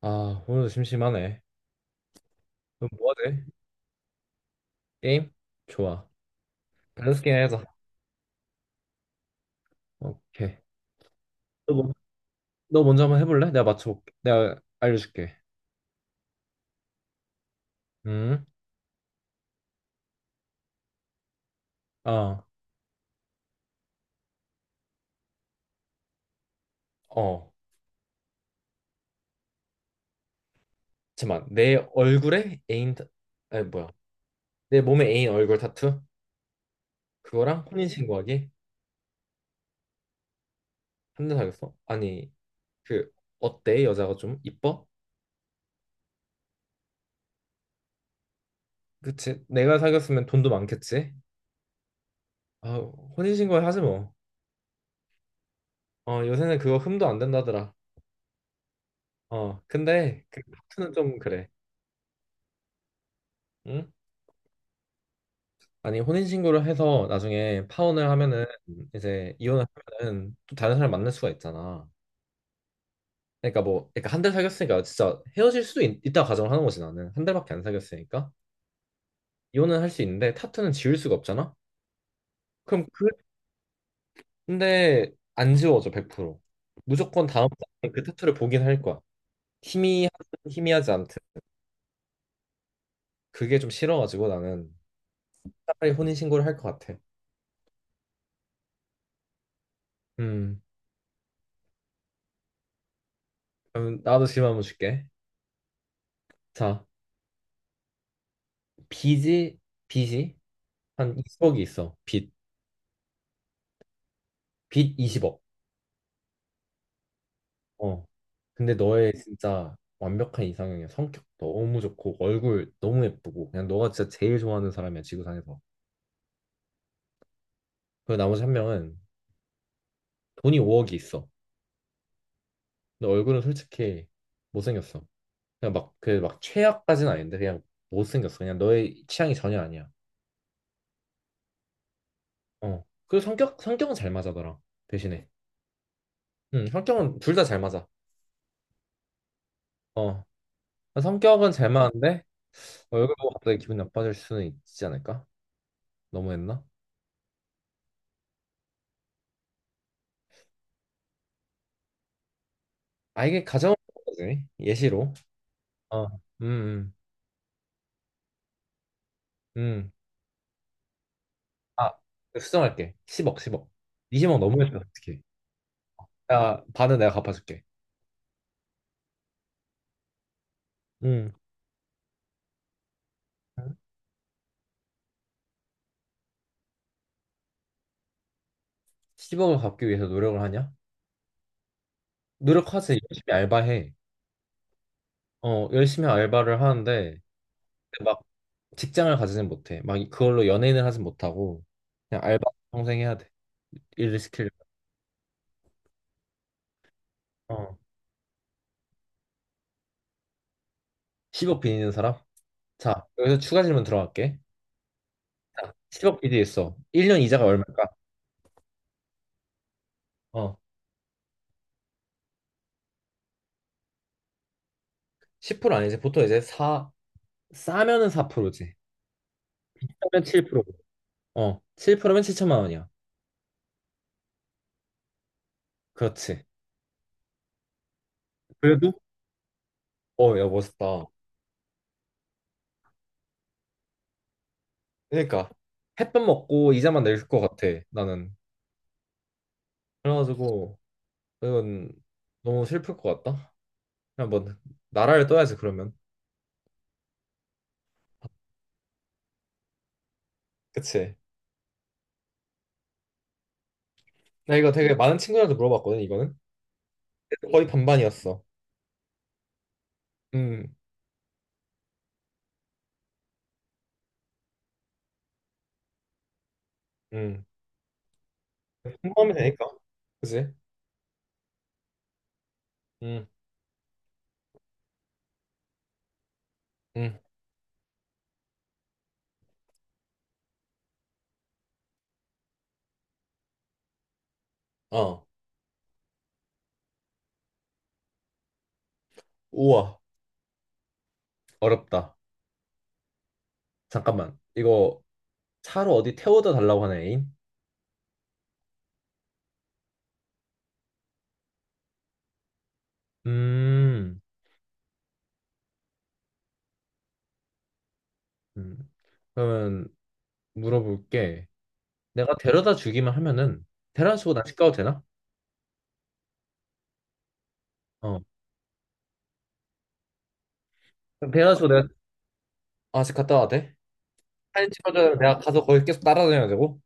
아, 오늘도 심심하네. 그럼 뭐 하지? 게임? 좋아. 밸런스 게임 하자. 오케이. 너, 뭐- 너 먼저 한번 해볼래? 내가 맞춰볼게. 내가 알려줄게. 음, 아, 어. 잠깐만. 내 얼굴에 애인, 아니, 뭐야. 내 몸에 애인 얼굴 타투? 그거랑 혼인신고하기? 한 대 사귀었어? 아니, 그, 어때? 여자가 좀 이뻐? 그치? 내가 사귀었으면 돈도 많겠지? 아, 혼인신고 하지 뭐. 어, 요새는 그거 흠도 안 된다더라. 어, 근데 그 타투는 좀 그래. 응? 아니 혼인신고를 해서 나중에 파혼을 하면은 이제 이혼을 하면은 또 다른 사람 만날 수가 있잖아. 그러니까 한 달 사귀었으니까 진짜 헤어질 수도 있, 다 가정을 하는 거지 나는 한 달밖에 안 사귀었으니까 이혼은 할 수 있는데 타투는 지울 수가 없잖아. 그럼 근데 안 지워져 100%. 무조건 다음 달에 그 타투를 보긴 할 거야. 희미 희미하지 않든 그게 좀 싫어가지고 나는 차라리 혼인신고를 할 것 같아. 음 그럼 나도 질문 한번 줄게. 자 비지 비지 한 20억이 있어. 빚 20억. 어. 근데 너의 진짜 완벽한 이상형이야. 성격 너무 좋고, 얼굴 너무 예쁘고, 그냥 너가 진짜 제일 좋아하는 사람이야, 지구상에서. 그 나머지 한 명은 돈이 5억이 있어. 근데 얼굴은 솔직히 못생겼어. 그냥 막, 그 막 최악까지는 아닌데, 그냥 못생겼어. 그냥 너의 취향이 전혀 아니야. 어. 그리고 성격, 성격은 잘 맞아더라. 대신에. 응, 성격은 둘 다 잘 맞아. 어. 성격은 잘 맞는데, 얼굴 보고 갑자기 기분 나빠질 수는 있지 않을까? 너무했나? 아 이게 가정을 보는 거지 예시로 어 음 음 음. 아 수정할게 10억 10억 20억 넘으면 어떡해 야 반은 내가 갚아줄게 음 10억을 갚기 위해서 노력을 하냐 노력하지 열심히 알바해 어 열심히 알바를 하는데 막 직장을 가지진 못해 막 그걸로 연예인을 하진 못하고 그냥 알바 평생 해야 돼 일을 시키려면 어 10억 빚 있는 사람 자 여기서 추가 질문 들어갈게 자, 10억 빚이 있어 1년 이자가 얼마일까 어 10% 아니지. 보통 이제 사 싸면은 4%지. 싸면 7%. 어, 7%면 7천만 원이야. 그렇지. 그래도? 어, 야, 멋있다. 그러니까 햇밥 먹고 이자만 낼 것 같아, 나는. 그래가지고 이건 너무 슬플 것 같다. 그냥 뭐 나라를 떠야지, 그러면. 그치. 나 이거 되게 많은 친구들한테 물어봤거든, 이거는. 거의 반반이었어. 음, 음. 공부하면 되니까. 그지? 음, 음. 어. 우와, 어렵다. 잠깐만. 이거 차로 어디 태워다 달라고 하는 애인? 음, 음. 그러면 물어볼게. 내가 데려다 주기만 하면은 데려다 주고 나 집 가도 되나? 어. 그럼 데려다 주고 내가 아, 집 갔다 와도 돼? 사진 찍어줘야 내가 가서 거기 계속 따라다녀야 되고?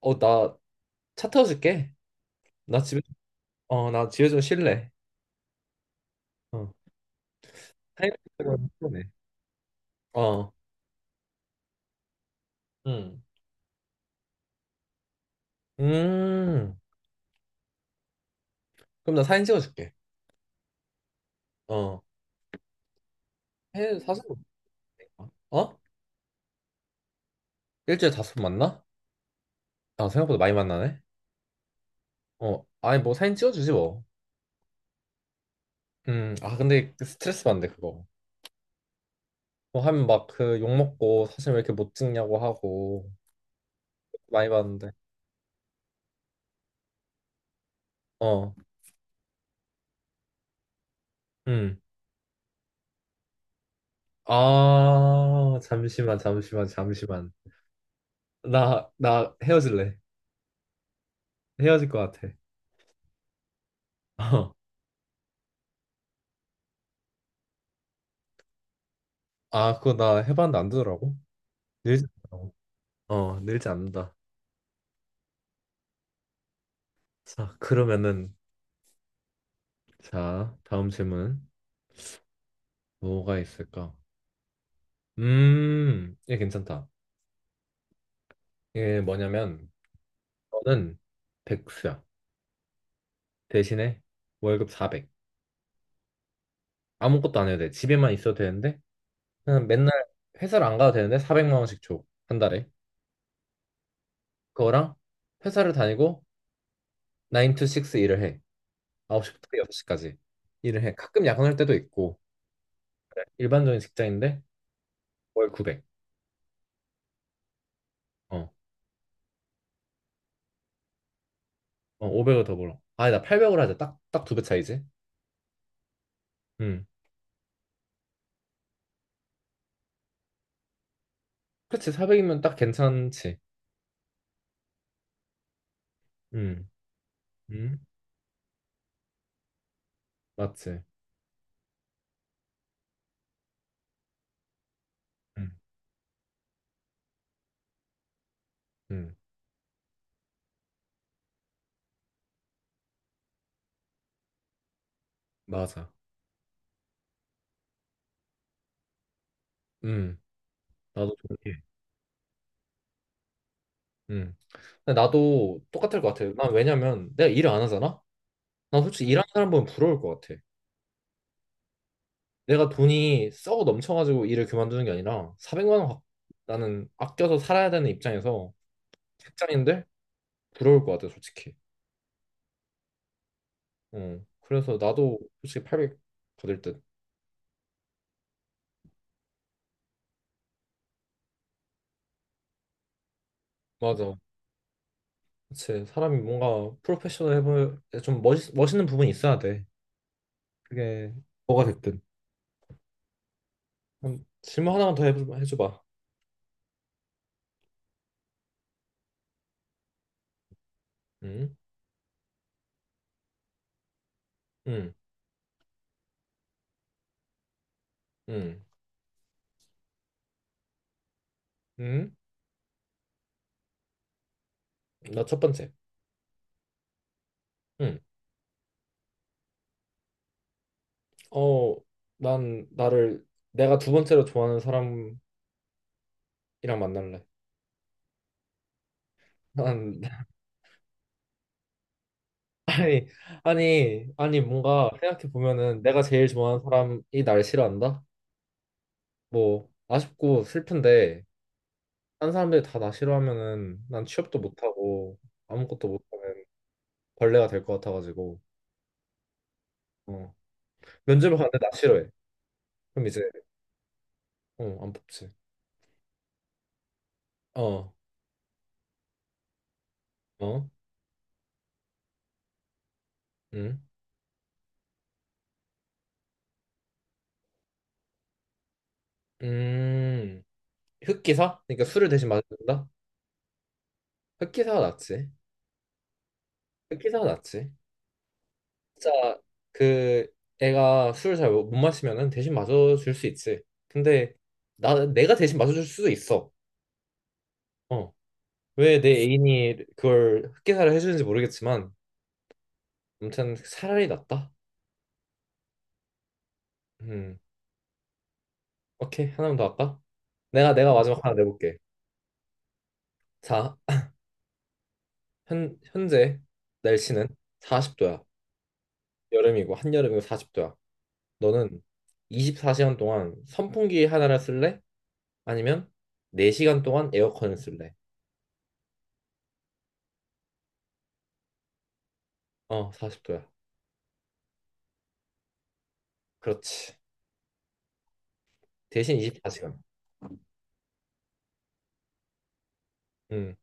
어, 나 차 태워줄게. 나 집에 나 집에 좀 쉴래. 어. 사진 찍어줘야 네 어. 음. 음. 그럼 나 사진 찍어줄게. 어. 해 사서 어? 일주일에 다섯 번 만나? 아, 생각보다 많이 만나네. 어, 아니 뭐 사진 찍어주지 뭐. 아 근데 그 스트레스 받는데 그거. 뭐 하면 막 그 욕 먹고 사진 왜 이렇게 못 찍냐고 하고 많이 받는데. 어, 음. 아 잠시만 잠시만 잠시만. 나 헤어질래. 헤어질 것 같아. 어. 아 그거 나 해봤는데 안 되더라고. 늘지 않더라고. 어, 늘지 않는다. 자 그러면은 자 다음 질문 뭐가 있을까? 얘 괜찮다. 이게 뭐냐면 저는 백수야. 대신에 월급 400. 아무것도 안 해도 돼. 집에만 있어도 되는데 그냥 맨날 회사를 안 가도 되는데 400만 원씩 줘. 한 달에. 그거랑 회사를 다니고 9 to 6 일을 해. 9시부터 6시까지 일을 해. 가끔 야근할 때도 있고 일반적인 직장인데 월 900. 어. 어 500을 더 벌어. 아, 나 800을 하자. 딱 딱 두 배 차이지. 음. 그렇지. 400이면 딱 괜찮지. 음. 음. 맞지. 음. 음. 맞아. 음. 나도 동의해. 음. 근데 나도 똑같을 것 같아. 난 왜냐면 내가 일을 안 하잖아? 난 솔직히 일하는 사람 보면 부러울 것 같아. 내가 돈이 썩어 넘쳐가지고 일을 그만두는 게 아니라 400만 원 나는 아껴서 살아야 되는 입장에서 직장인들 부러울 것 같아, 솔직히. 어. 그래서 나도 솔직히 800 받을 듯. 맞아. 그치. 사람이 뭔가 프로페셔널 해볼 좀 멋있는 부분이 있어야 돼. 그게 뭐가 됐든. 그럼 질문 하나만 더 해줘봐. 응? 응? 응? 응? 나 첫 번째. 응. 어, 난 나를 내가 두 번째로 좋아하는 사람이랑 만날래. 난 아니 아니 아니 뭔가 생각해 보면은 내가 제일 좋아하는 사람이 날 싫어한다? 뭐 아쉽고 슬픈데 딴 사람들이 다 나 싫어하면은 난 취업도 못하고 아무것도 못하는 벌레가 될 것 같아가지고 어 면접을 가는데 나 싫어해. 그럼 이제 어안 뽑지. 어 어? 응? 음? 흑기사? 그러니까 술을 대신 마신다? 흑기사가 낫지. 기사가 낫지. 진짜 그 애가 술을 잘 못 마시면은 대신 마셔줄 수 있지. 근데 나 내가 대신 마셔줄 수도 있어. 어. 왜 내 애인이 그걸 흑기사를 해주는지 모르겠지만 아무튼 차라리 낫다. 음. 오케이 하나만 더 할까? 내가 마지막 하나 내볼게. 자, 현 현재 날씨는 40도야. 여름이고 한여름이고 40도야. 너는 24시간 동안 선풍기 하나를 쓸래? 아니면 4시간 동안 에어컨을 쓸래? 어, 40도야. 그렇지. 대신 24시간. 음.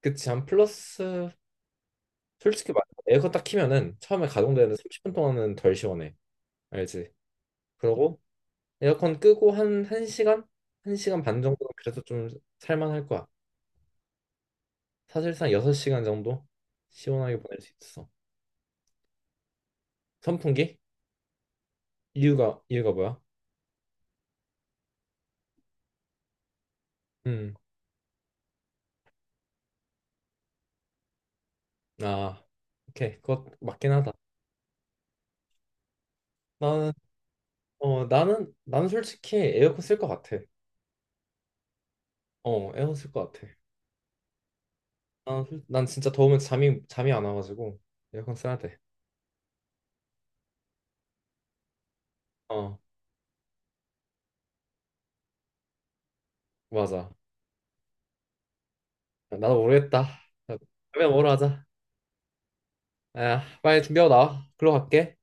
그치. 한 플러스, 솔직히 말해. 에어컨 딱 키면은 처음에 가동되는 30분 동안은 덜 시원해. 알지? 그러고 에어컨 끄고 한 1시간? 1시간 반 정도는 그래도 좀 살만할 거야. 사실상 6시간 정도 시원하게 보낼 수 있어. 선풍기? 이유가 뭐야? 음. 아, 오케이. 그거 맞긴 하다. 나는, 나는 솔직히 에어컨 쓸 것 같아. 어, 에어컨 쓸 것 같아. 아, 난 진짜 더우면 잠이 안 와가지고 에어컨 써야 돼. 어, 맞아. 나도 모르겠다. 그러면 뭐로 하자. 야 빨리 준비하고 나와. 글로 갈게.